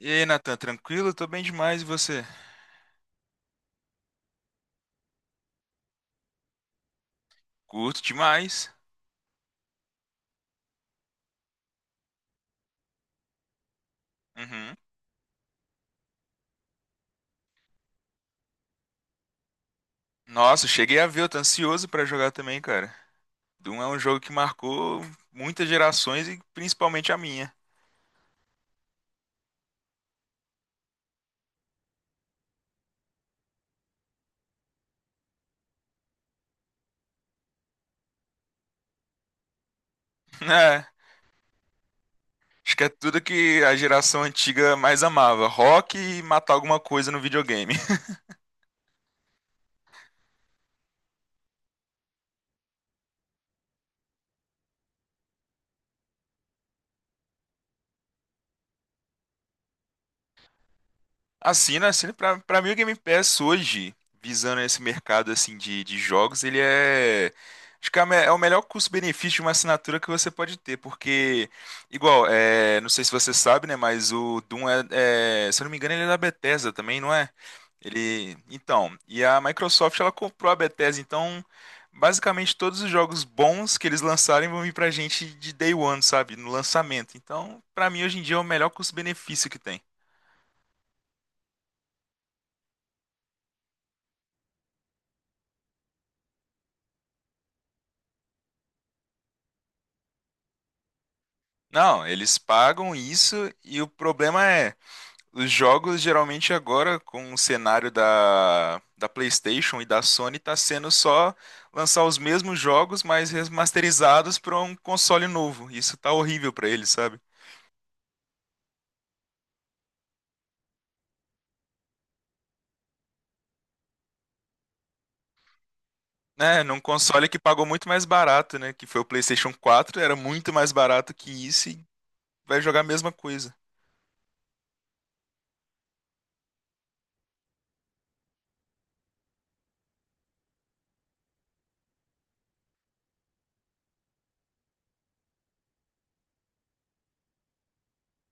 E aí, Natan, tranquilo? Tô bem demais, e você? Curto demais. Uhum. Nossa, cheguei a ver, eu tô ansioso pra jogar também, cara. Doom é um jogo que marcou muitas gerações e principalmente a minha. É, acho que é tudo que a geração antiga mais amava, rock e matar alguma coisa no videogame. Assina, assina. Pra mim, o Game Pass hoje, visando esse mercado assim de jogos, ele é. Acho que é a é o melhor custo-benefício de uma assinatura que você pode ter, porque, igual, é, não sei se você sabe, né, mas o Doom é, se eu não me engano, ele é da Bethesda também, não é? Ele, então, e a Microsoft, ela comprou a Bethesda, então, basicamente, todos os jogos bons que eles lançarem vão vir pra gente de day one, sabe, no lançamento. Então, pra mim, hoje em dia, é o melhor custo-benefício que tem. Não, eles pagam isso e o problema é, os jogos geralmente agora com o cenário da PlayStation e da Sony tá sendo só lançar os mesmos jogos, mas remasterizados para um console novo. Isso tá horrível para eles, sabe? Né, num console que pagou muito mais barato, né, que foi o PlayStation 4, era muito mais barato que isso e vai jogar a mesma coisa.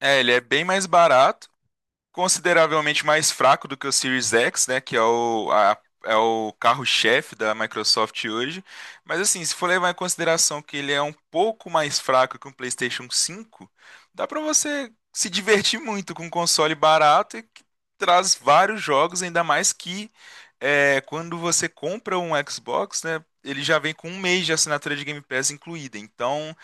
É, ele é bem mais barato, consideravelmente mais fraco do que o Series X, né, que é é o carro-chefe da Microsoft hoje. Mas assim, se for levar em consideração que ele é um pouco mais fraco que um PlayStation 5, dá para você se divertir muito com um console barato e que traz vários jogos, ainda mais que é, quando você compra um Xbox, né, ele já vem com um mês de assinatura de Game Pass incluída. Então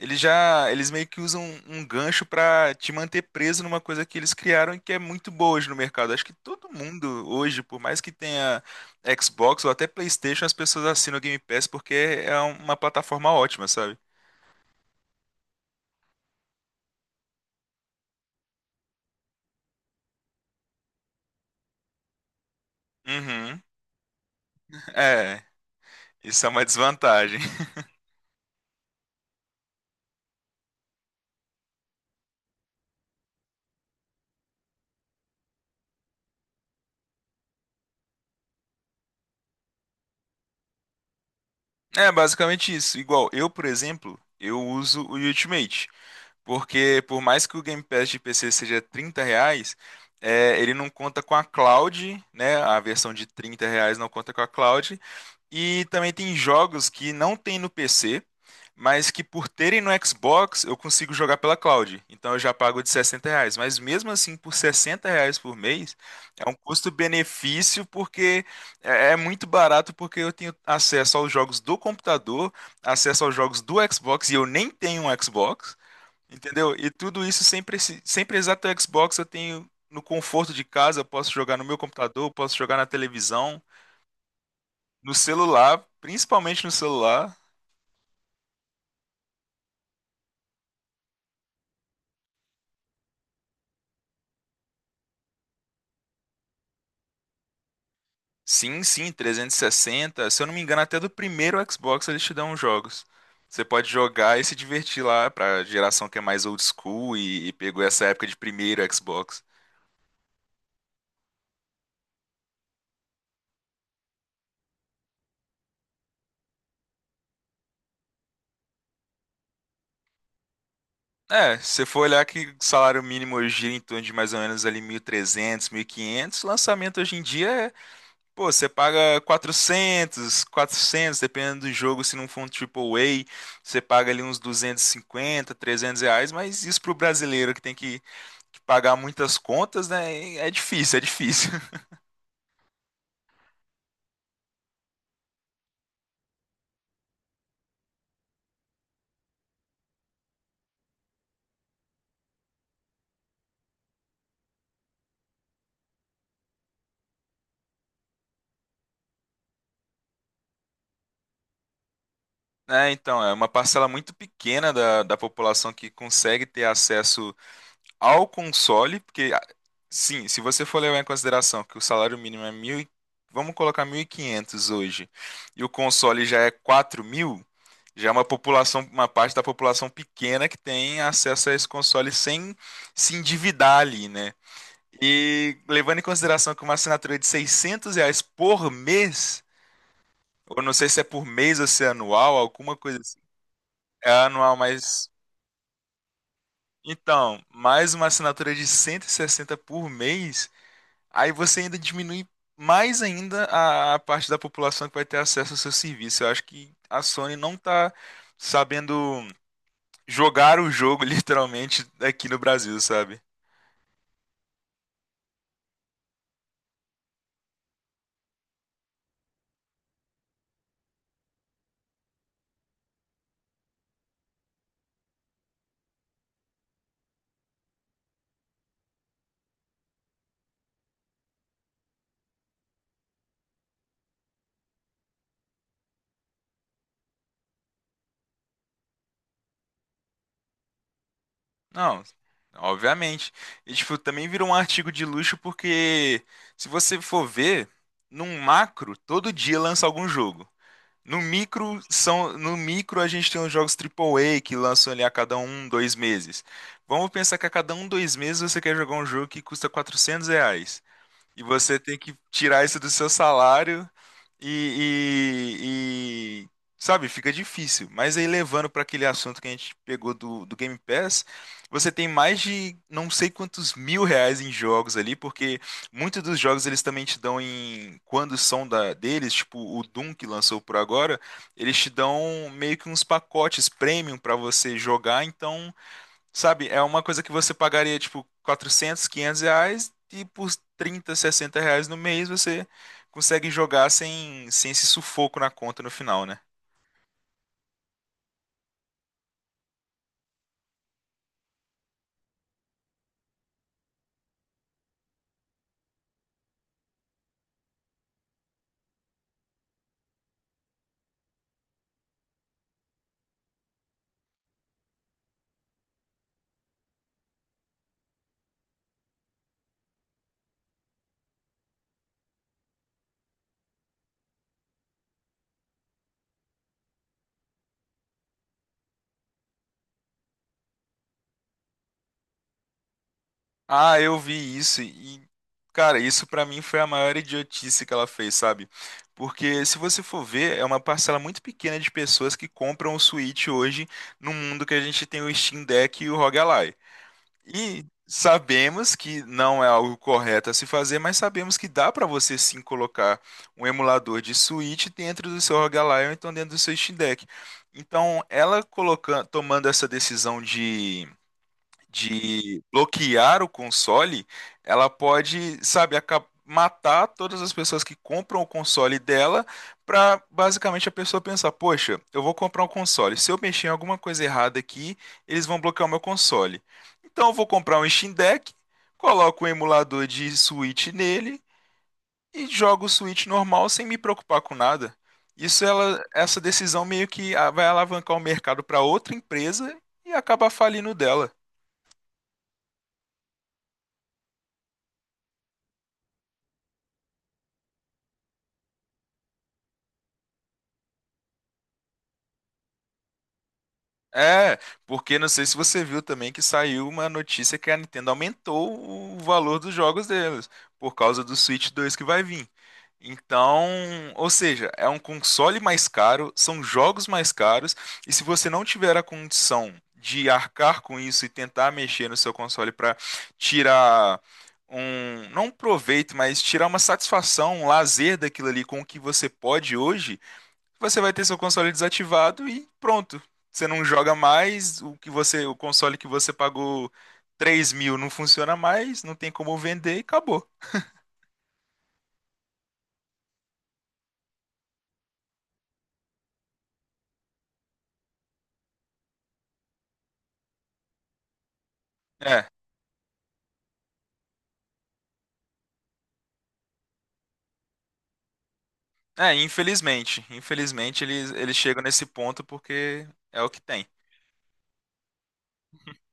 eles já, eles meio que usam um gancho pra te manter preso numa coisa que eles criaram e que é muito boa hoje no mercado. Acho que todo mundo hoje, por mais que tenha Xbox ou até PlayStation, as pessoas assinam o Game Pass porque é uma plataforma ótima, sabe? Uhum. É, isso é uma desvantagem. É basicamente isso. Igual eu, por exemplo, eu uso o Ultimate. Porque por mais que o Game Pass de PC seja R$ 30, é, ele não conta com a cloud, né? A versão de R$ 30 não conta com a cloud. E também tem jogos que não tem no PC, mas que por terem no Xbox eu consigo jogar pela cloud. Então eu já pago de R$ 60. Mas mesmo assim, por R$ 60 por mês, é um custo-benefício porque é muito barato porque eu tenho acesso aos jogos do computador, acesso aos jogos do Xbox e eu nem tenho um Xbox. Entendeu? E tudo isso sem, sem precisar ter o Xbox, eu tenho no conforto de casa, eu posso jogar no meu computador, eu posso jogar na televisão, no celular, principalmente no celular. Sim, sim, 360. Se eu não me engano, até do primeiro Xbox eles te dão os jogos. Você pode jogar e se divertir lá pra geração que é mais old school e pegou essa época de primeiro Xbox. É, se você for olhar que o salário mínimo hoje gira em torno de mais ou menos ali 1.300, quinhentos, lançamento hoje em dia é. Pô, você paga 400, 400 dependendo do jogo, se não for um triple AAA, você paga ali uns 250, R$ 300, mas isso pro brasileiro que tem que pagar muitas contas, né, é difícil, é difícil. Né? Então, é uma parcela muito pequena da população que consegue ter acesso ao console, porque ah, sim, se você for levar em consideração que o salário mínimo é mil, vamos colocar 1.500 hoje, e o console já é 4.000, já é uma população, uma parte da população pequena que tem acesso a esse console sem se endividar ali, né? E levando em consideração que uma assinatura de R$ 600 por mês, ou não sei se é por mês ou se é anual, alguma coisa assim, é anual, mas então, mais uma assinatura de 160 por mês, aí você ainda diminui mais ainda a parte da população que vai ter acesso ao seu serviço. Eu acho que a Sony não tá sabendo jogar o jogo, literalmente, aqui no Brasil, sabe? Não, obviamente. E, tipo, também virou um artigo de luxo porque, se você for ver, num macro, todo dia lança algum jogo. No micro, são, no micro a gente tem os jogos triplo A que lançam ali a cada um, dois meses. Vamos pensar que a cada um, dois meses você quer jogar um jogo que custa R$ 400. E você tem que tirar isso do seu salário e, sabe, fica difícil. Mas aí levando para aquele assunto que a gente pegou do Game Pass, você tem mais de não sei quantos mil reais em jogos ali, porque muitos dos jogos eles também te dão em quando são da deles, tipo o Doom que lançou por agora, eles te dão meio que uns pacotes premium para você jogar, então. Sabe, é uma coisa que você pagaria, tipo, 400, R$ 500 e por 30, R$ 60 no mês você consegue jogar sem, sem esse sufoco na conta no final, né? Ah, eu vi isso e, cara, isso pra mim foi a maior idiotice que ela fez, sabe? Porque se você for ver, é uma parcela muito pequena de pessoas que compram o Switch hoje no mundo que a gente tem o Steam Deck e o ROG. E sabemos que não é algo correto a se fazer, mas sabemos que dá para você sim colocar um emulador de Switch dentro do seu ROG Ally ou então dentro do seu Steam Deck. Então, ela colocando, tomando essa decisão de bloquear o console, ela pode, sabe, matar todas as pessoas que compram o console dela para basicamente a pessoa pensar, poxa, eu vou comprar um console. Se eu mexer em alguma coisa errada aqui, eles vão bloquear o meu console. Então eu vou comprar um Steam Deck, coloco um emulador de Switch nele e jogo o Switch normal sem me preocupar com nada. Isso ela, essa decisão meio que ah, vai alavancar o mercado para outra empresa e acabar falindo dela. É, porque não sei se você viu também que saiu uma notícia que a Nintendo aumentou o valor dos jogos deles, por causa do Switch 2 que vai vir. Então, ou seja, é um console mais caro, são jogos mais caros, e se você não tiver a condição de arcar com isso e tentar mexer no seu console para tirar um, não um proveito, mas tirar uma satisfação, um lazer daquilo ali com o que você pode hoje, você vai ter seu console desativado e pronto. Você não joga mais, o que você, o console que você pagou 3.000 não funciona mais, não tem como vender e acabou. É, é, infelizmente. Infelizmente eles, eles chegam nesse ponto porque é o que tem.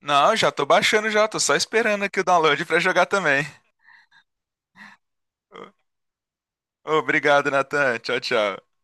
Não, já tô baixando já, tô só esperando aqui o download pra jogar também. Ô, obrigado, Natan. Tchau, tchau.